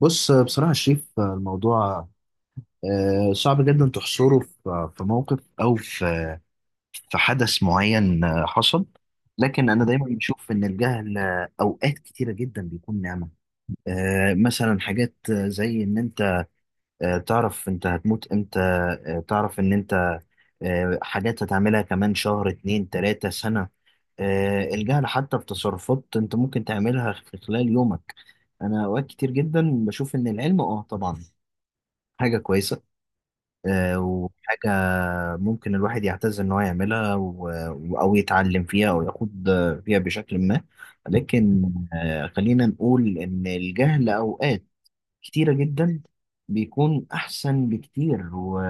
بص، بصراحة شريف، الموضوع صعب جدا تحصره في موقف أو في حدث معين حصل. لكن أنا دايما بشوف إن الجهل أوقات كتيرة جدا بيكون نعمة. مثلا حاجات زي إن أنت تعرف أنت هتموت إمتى، تعرف إن أنت حاجات هتعملها كمان شهر 2 3 سنة. الجهل حتى في تصرفات أنت ممكن تعملها في خلال يومك. أنا أوقات كتير جدا بشوف إن العلم طبعا حاجة كويسة وحاجة ممكن الواحد يعتز إن هو يعملها أو يتعلم فيها أو ياخد فيها بشكل ما. لكن خلينا نقول إن الجهل أوقات كتيرة جدا بيكون أحسن بكتير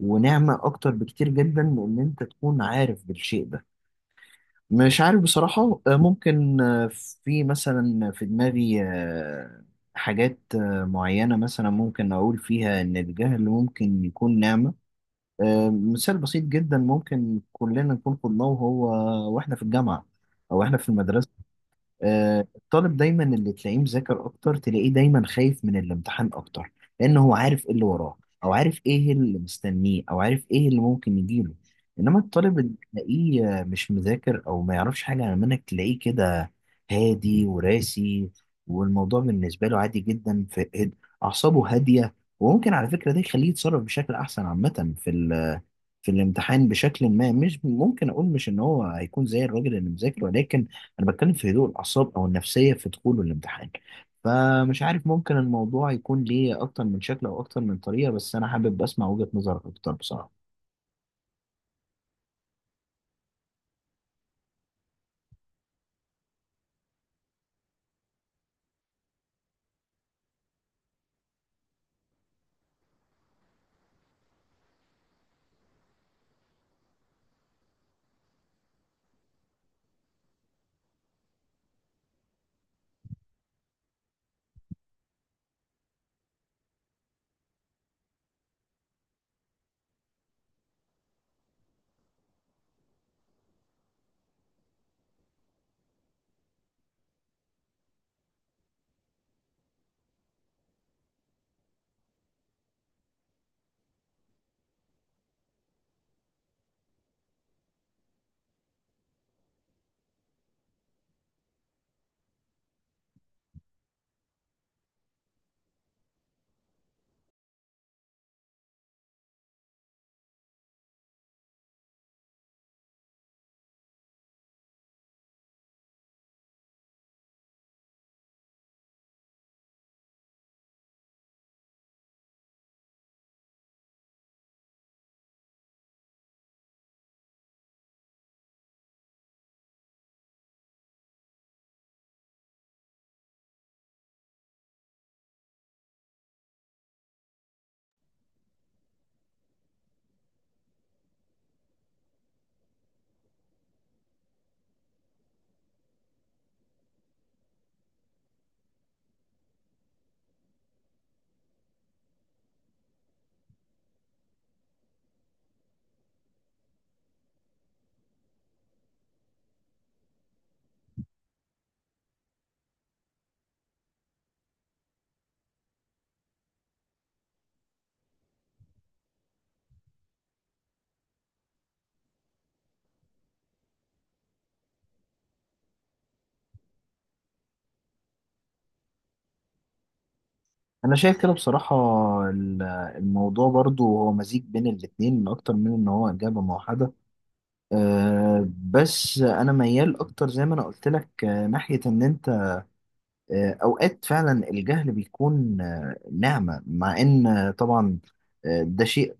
ونعمة أكتر بكتير جدا من إن أنت تكون عارف بالشيء ده. مش عارف بصراحة، ممكن في مثلا في دماغي حاجات معينة مثلا ممكن أقول فيها إن الجهل ممكن يكون نعمة. مثال بسيط جدا ممكن كلنا نكون خدناه، وإحنا في الجامعة أو إحنا في المدرسة. الطالب دايما اللي تلاقيه مذاكر اكتر تلاقيه دايما خايف من الامتحان اكتر، لان هو عارف ايه اللي وراه او عارف ايه اللي مستنيه او عارف ايه اللي ممكن يجيله. انما الطالب اللي تلاقيه مش مذاكر او ما يعرفش حاجه عن المنهج تلاقيه كده هادي وراسي، والموضوع بالنسبه له عادي جدا في اعصابه هاديه. وممكن على فكره ده يخليه يتصرف بشكل احسن عامه في في الامتحان بشكل ما. مش ممكن اقول مش ان هو هيكون زي الراجل اللي مذاكر، ولكن انا بتكلم في هدوء الاعصاب او النفسيه في دخول الامتحان. فمش عارف، ممكن الموضوع يكون ليه اكتر من شكل او اكتر من طريقه، بس انا حابب اسمع وجهه نظرك اكتر بصراحه. انا شايف كده بصراحه ال- الموضوع برضو هو مزيج بين الاتنين اكتر من ان هو اجابه موحده. بس انا ميال اكتر زي ما انا قلت لك، ناحيه ان انت اوقات فعلا الجهل بيكون نعمه، مع ان طبعا ده شيء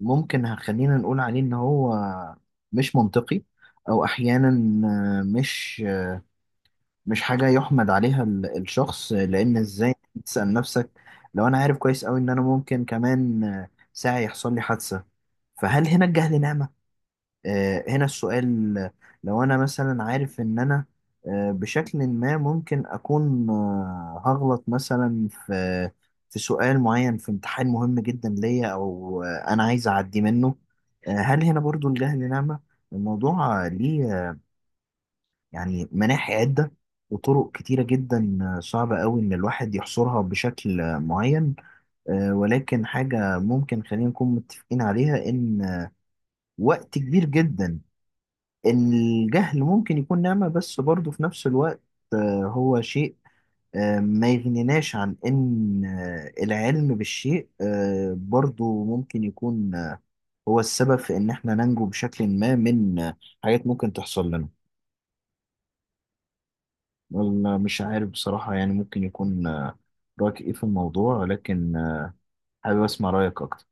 ممكن خلينا نقول عليه ان هو مش منطقي، او احيانا مش مش حاجه يحمد عليها الشخص. لان ازاي تسال نفسك لو انا عارف كويس قوي ان انا ممكن كمان ساعه يحصل لي حادثه، فهل هنا الجهل نعمه؟ هنا السؤال. لو أنا مثلا عارف إن أنا بشكل ما ممكن أكون هغلط مثلا في سؤال معين في امتحان مهم جدا ليا، أو أنا عايز أعدي منه، هل هنا برضو الجهل نعمة؟ الموضوع ليه يعني مناحي عدة وطرق كتيرة جدا، صعبة أوي إن الواحد يحصرها بشكل معين. ولكن حاجة ممكن خلينا نكون متفقين عليها، إن وقت كبير جدا الجهل ممكن يكون نعمة، بس برضه في نفس الوقت هو شيء ما يغنيناش عن إن العلم بالشيء برضه ممكن يكون هو السبب في إن إحنا ننجو بشكل ما من حاجات ممكن تحصل لنا. والله مش عارف بصراحة، يعني ممكن يكون رأيك إيه في الموضوع، ولكن حابب أسمع رأيك أكتر.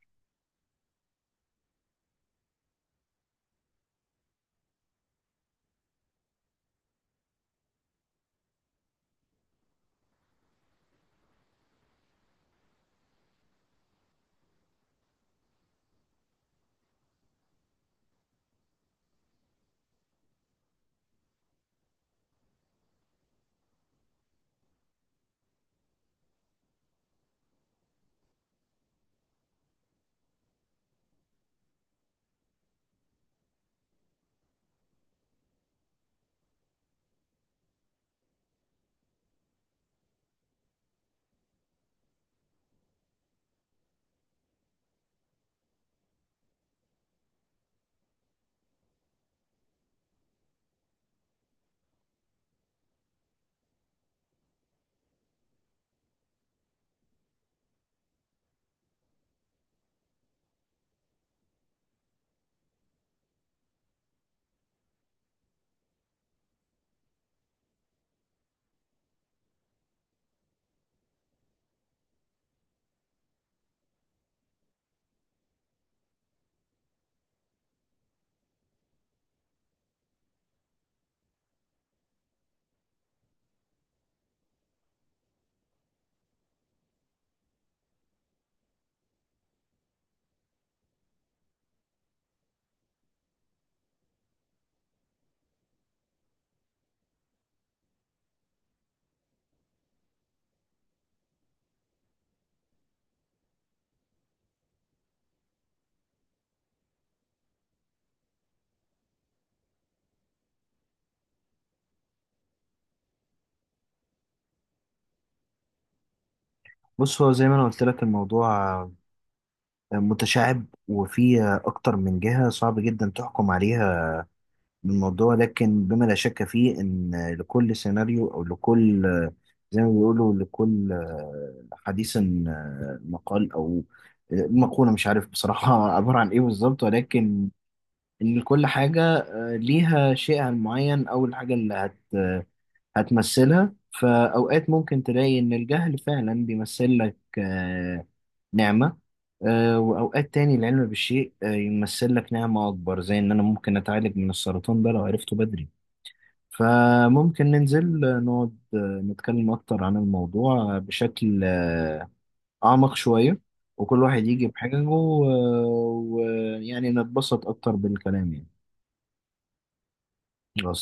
بص، هو زي ما أنا قلت لك، الموضوع متشعب وفيه أكتر من جهة صعب جدا تحكم عليها من الموضوع. لكن بما لا شك فيه ان لكل سيناريو او لكل، زي ما بيقولوا، لكل حديث مقال او مقولة، مش عارف بصراحة عبارة عن ايه بالظبط، ولكن ان كل حاجة ليها شيئها المعين او الحاجة اللي هتمثلها. فاوقات ممكن تلاقي ان الجهل فعلا بيمثل لك نعمة، وأوقات تاني العلم بالشيء يمثل لك نعمة أكبر، زي إن أنا ممكن أتعالج من السرطان ده لو عرفته بدري. فممكن ننزل نقعد نتكلم أكتر عن الموضوع بشكل أعمق شوية، وكل واحد يجي بحاجة ويعني نتبسط أكتر بالكلام يعني. خلاص.